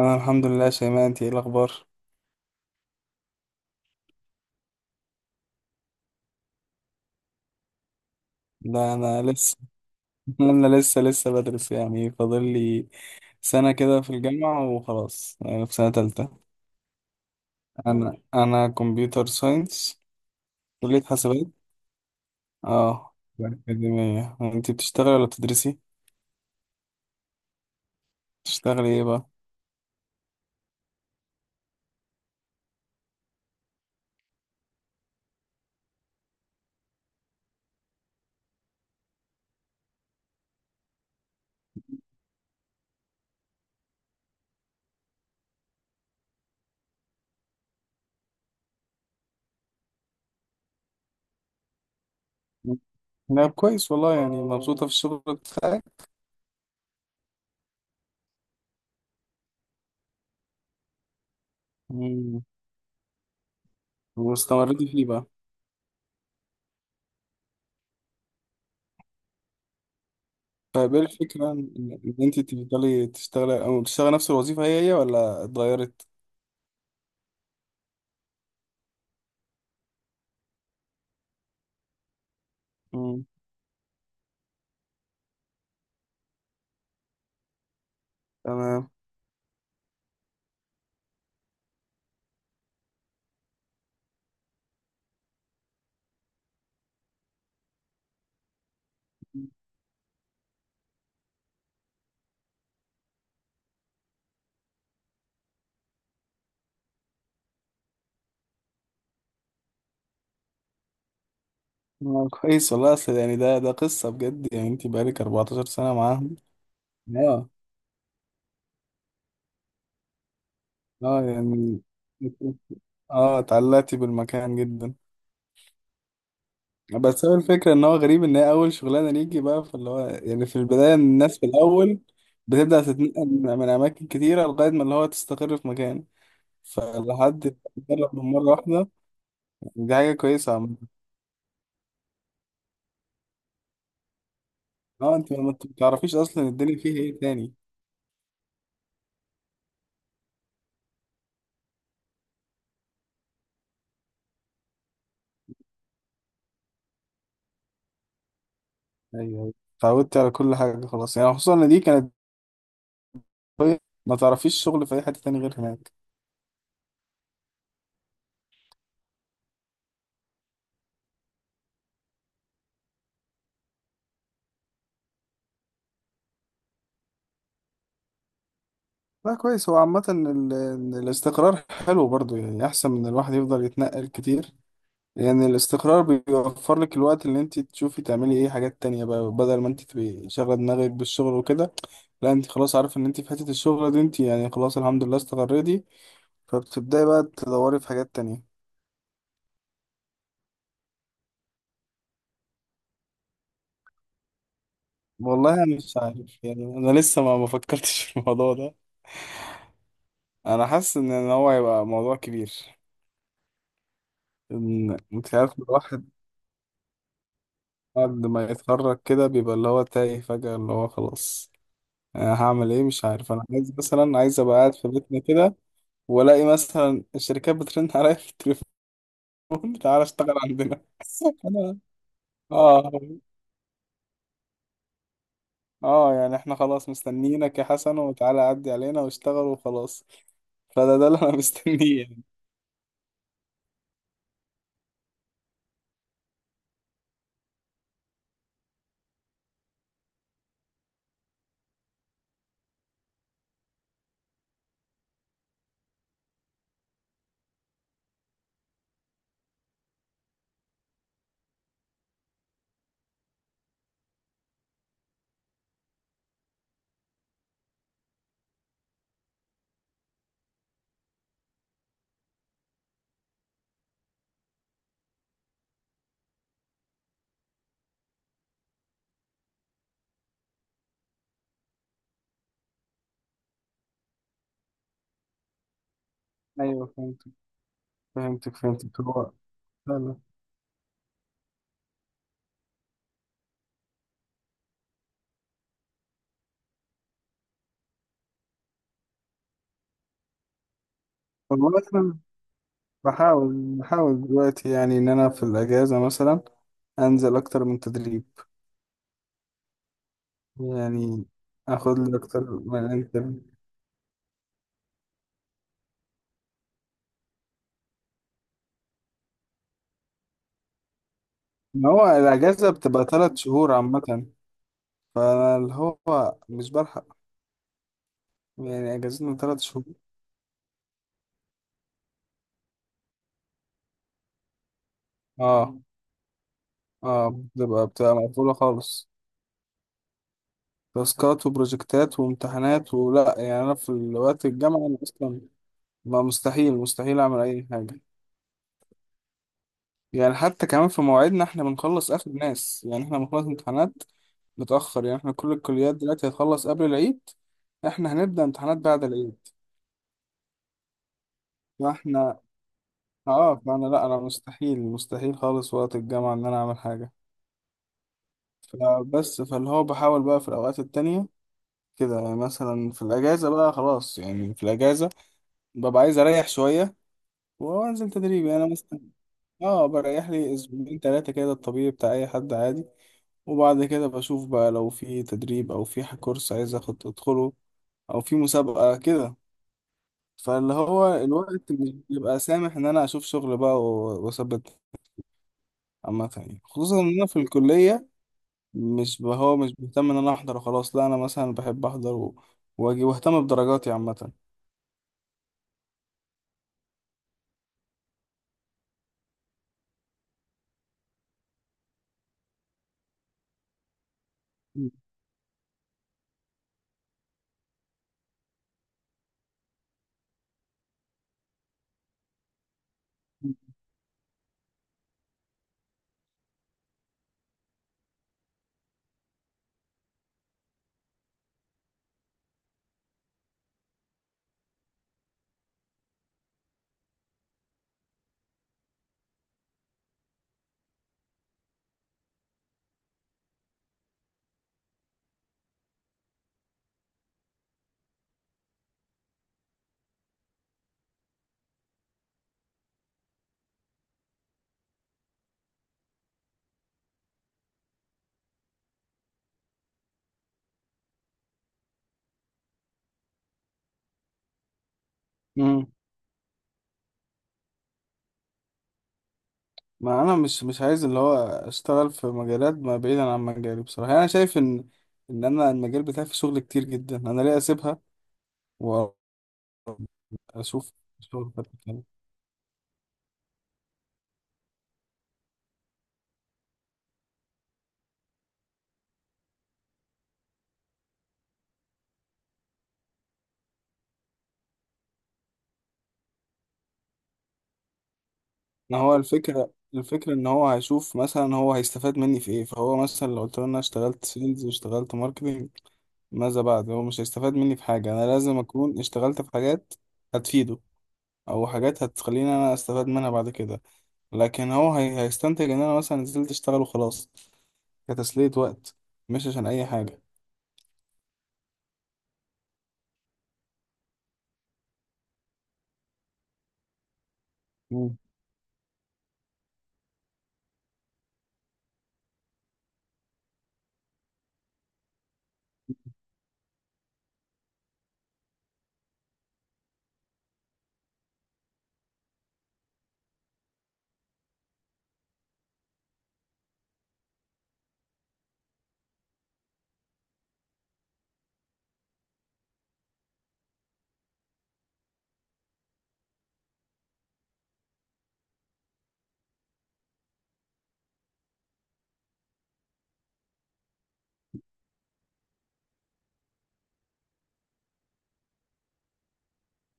انا الحمد لله يا شيماء، انت ايه الاخبار؟ ده انا لسه انا لسه بدرس، يعني فاضل لي سنه كده في الجامعه. وخلاص أنا في سنه تالتة. انا كمبيوتر ساينس، كليه حاسبات. اه يعني اكاديميه. انت بتشتغلي ولا بتدرسي؟ بتشتغلي ايه بقى؟ لا كويس والله، يعني مبسوطه في الشغل بتاعك. مم. واستمريتي فيه بقى؟ طيب ايه الفكره إن انت تفضلي تشتغلي، او تشتغلي نفس الوظيفه هي هي ولا اتغيرت؟ مم. تمام. كويس والله، اصل يعني ده قصة بجد. يعني انت بقالك 14 سنة معاهم. اه، اه، يعني اه اتعلقتي بالمكان جدا. بس هو الفكرة ان هو غريب ان هي اول شغلانة ليكي بقى، فاللي هو يعني في البداية الناس في الاول بتبدأ تتنقل من اماكن كتيرة لغاية ما اللي هو تستقر في مكان، فلحد ما تجرب من مرة واحدة. دي حاجة كويسة عامة. اه انت ما بتعرفيش اصلا الدنيا فيها ايه تاني. ايوه أيوة. اتعودتي على كل حاجة خلاص، يعني خصوصا ان دي كانت. طيب ما تعرفيش شغل في اي حته تاني غير هناك. لا كويس، هو عامه الاستقرار حلو برضو، يعني احسن من الواحد يفضل يتنقل كتير. يعني الاستقرار بيوفر لك الوقت اللي انت تشوفي تعملي ايه حاجات تانية بقى، بدل ما انت تبقي شاغله دماغك بالشغل وكده. لا انت خلاص عارفه ان انت في حته الشغل دي انت يعني خلاص الحمد لله استقريتي، فبتبداي بقى تدوري في حاجات تانية. والله انا مش عارف، يعني انا لسه ما فكرتش في الموضوع ده. انا حاسس إن هو هيبقى موضوع كبير. انت عارف الواحد بعد ما يتخرج كده بيبقى اللي هو تايه فجأة اللي هو خلاص أنا هعمل ايه؟ مش عارف، انا عايز مثلا عايز ابقى قاعد في بيتنا كده. والاقي مثلا الشركات بترن عليا في التليفون. تعالى اشتغل عندنا. انا اه، اه، يعني احنا خلاص مستنيينك يا حسن، وتعالى عدي علينا واشتغل وخلاص. فده اللي انا مستنيه يعني. ايوه فهمتك، فهمتك، فهمتك. لا، لا. والله مثلا، بحاول دلوقتي يعني ان انا في الاجازه، مثلا انزل اكتر من تدريب. يعني اخد لي اكتر من انت. ما هو الاجازه بتبقى 3 شهور عامه، فاللي هو مش بلحق. يعني اجازتنا 3 شهور. اه، اه، بتبقى مقفوله خالص، تاسكات وبروجكتات وامتحانات ولا يعني. انا في الوقت الجامعه انا اصلا ما مستحيل مستحيل اعمل اي حاجه. يعني حتى كمان في مواعيدنا احنا بنخلص اخر ناس، يعني احنا بنخلص امتحانات متاخر. يعني احنا كل الكليات دلوقتي هتخلص قبل العيد، احنا هنبدا امتحانات بعد العيد. فاحنا اه فانا لا انا مستحيل مستحيل خالص وقت الجامعة ان انا اعمل حاجة. فبس فاللي هو بحاول بقى في الاوقات التانية كده، يعني مثلا في الاجازة بقى خلاص، يعني في الاجازة ببقى عايز اريح شوية. وانزل تدريب، يعني انا مثلا اه بريح لي اسبوعين ثلاثة كده، الطبيعي بتاع اي حد عادي. وبعد كده بشوف بقى لو في تدريب او في كورس عايز اخد ادخله، او في مسابقة كده. فاللي هو الوقت مش بيبقى سامح ان انا اشوف شغل بقى واثبت عامة. يعني خصوصا ان انا في الكلية مش ب- هو مش بيهتم ان انا احضر وخلاص، لا انا مثلا بحب احضر واجي واهتم بدرجاتي عامه. مم. ما انا مش عايز اللي هو اشتغل في مجالات ما بعيدا عن مجالي بصراحه. يعني انا شايف ان انا المجال بتاعي فيه شغل كتير جدا، انا ليه اسيبها واشوف شغل بتاعي تاني؟ ما هو الفكره ان هو هيشوف مثلا هو هيستفاد مني في ايه. فهو مثلا لو قلت له إن انا اشتغلت سيلز واشتغلت ماركتنج، ماذا بعد؟ هو مش هيستفاد مني في حاجه. انا لازم اكون اشتغلت في حاجات هتفيده، او حاجات هتخليني انا استفاد منها بعد كده. لكن هيستنتج ان انا مثلا نزلت اشتغل وخلاص، كتسلية وقت، مش عشان اي حاجة. مم.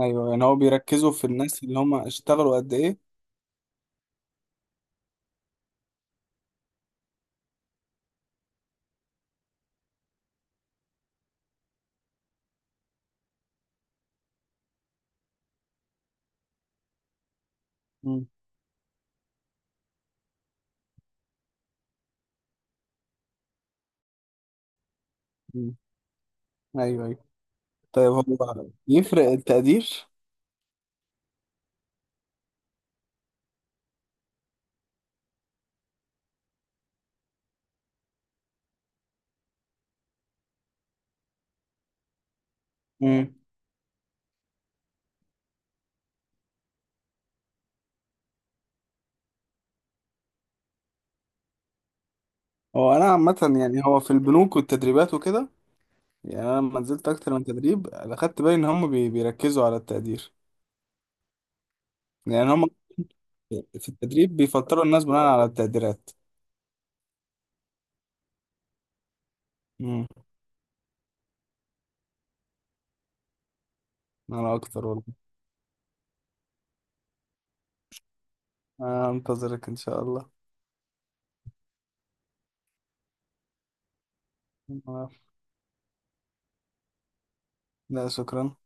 ايوه يعني هو بيركزوا في الناس اللي هم اشتغلوا قد ايه. مم. مم. ايوه، ايوه. طيب هو يفرق التقدير؟ امم. هو انا عامة يعني هو في البنوك والتدريبات وكده، يعني انا لما نزلت اكتر من تدريب اخدت بالي ان هم بيركزوا على التقدير. يعني هم في التدريب بيفلتروا الناس بناء على التقديرات. امم. انا اكتر والله. انتظرك ان شاء الله. آه، لا شكرا.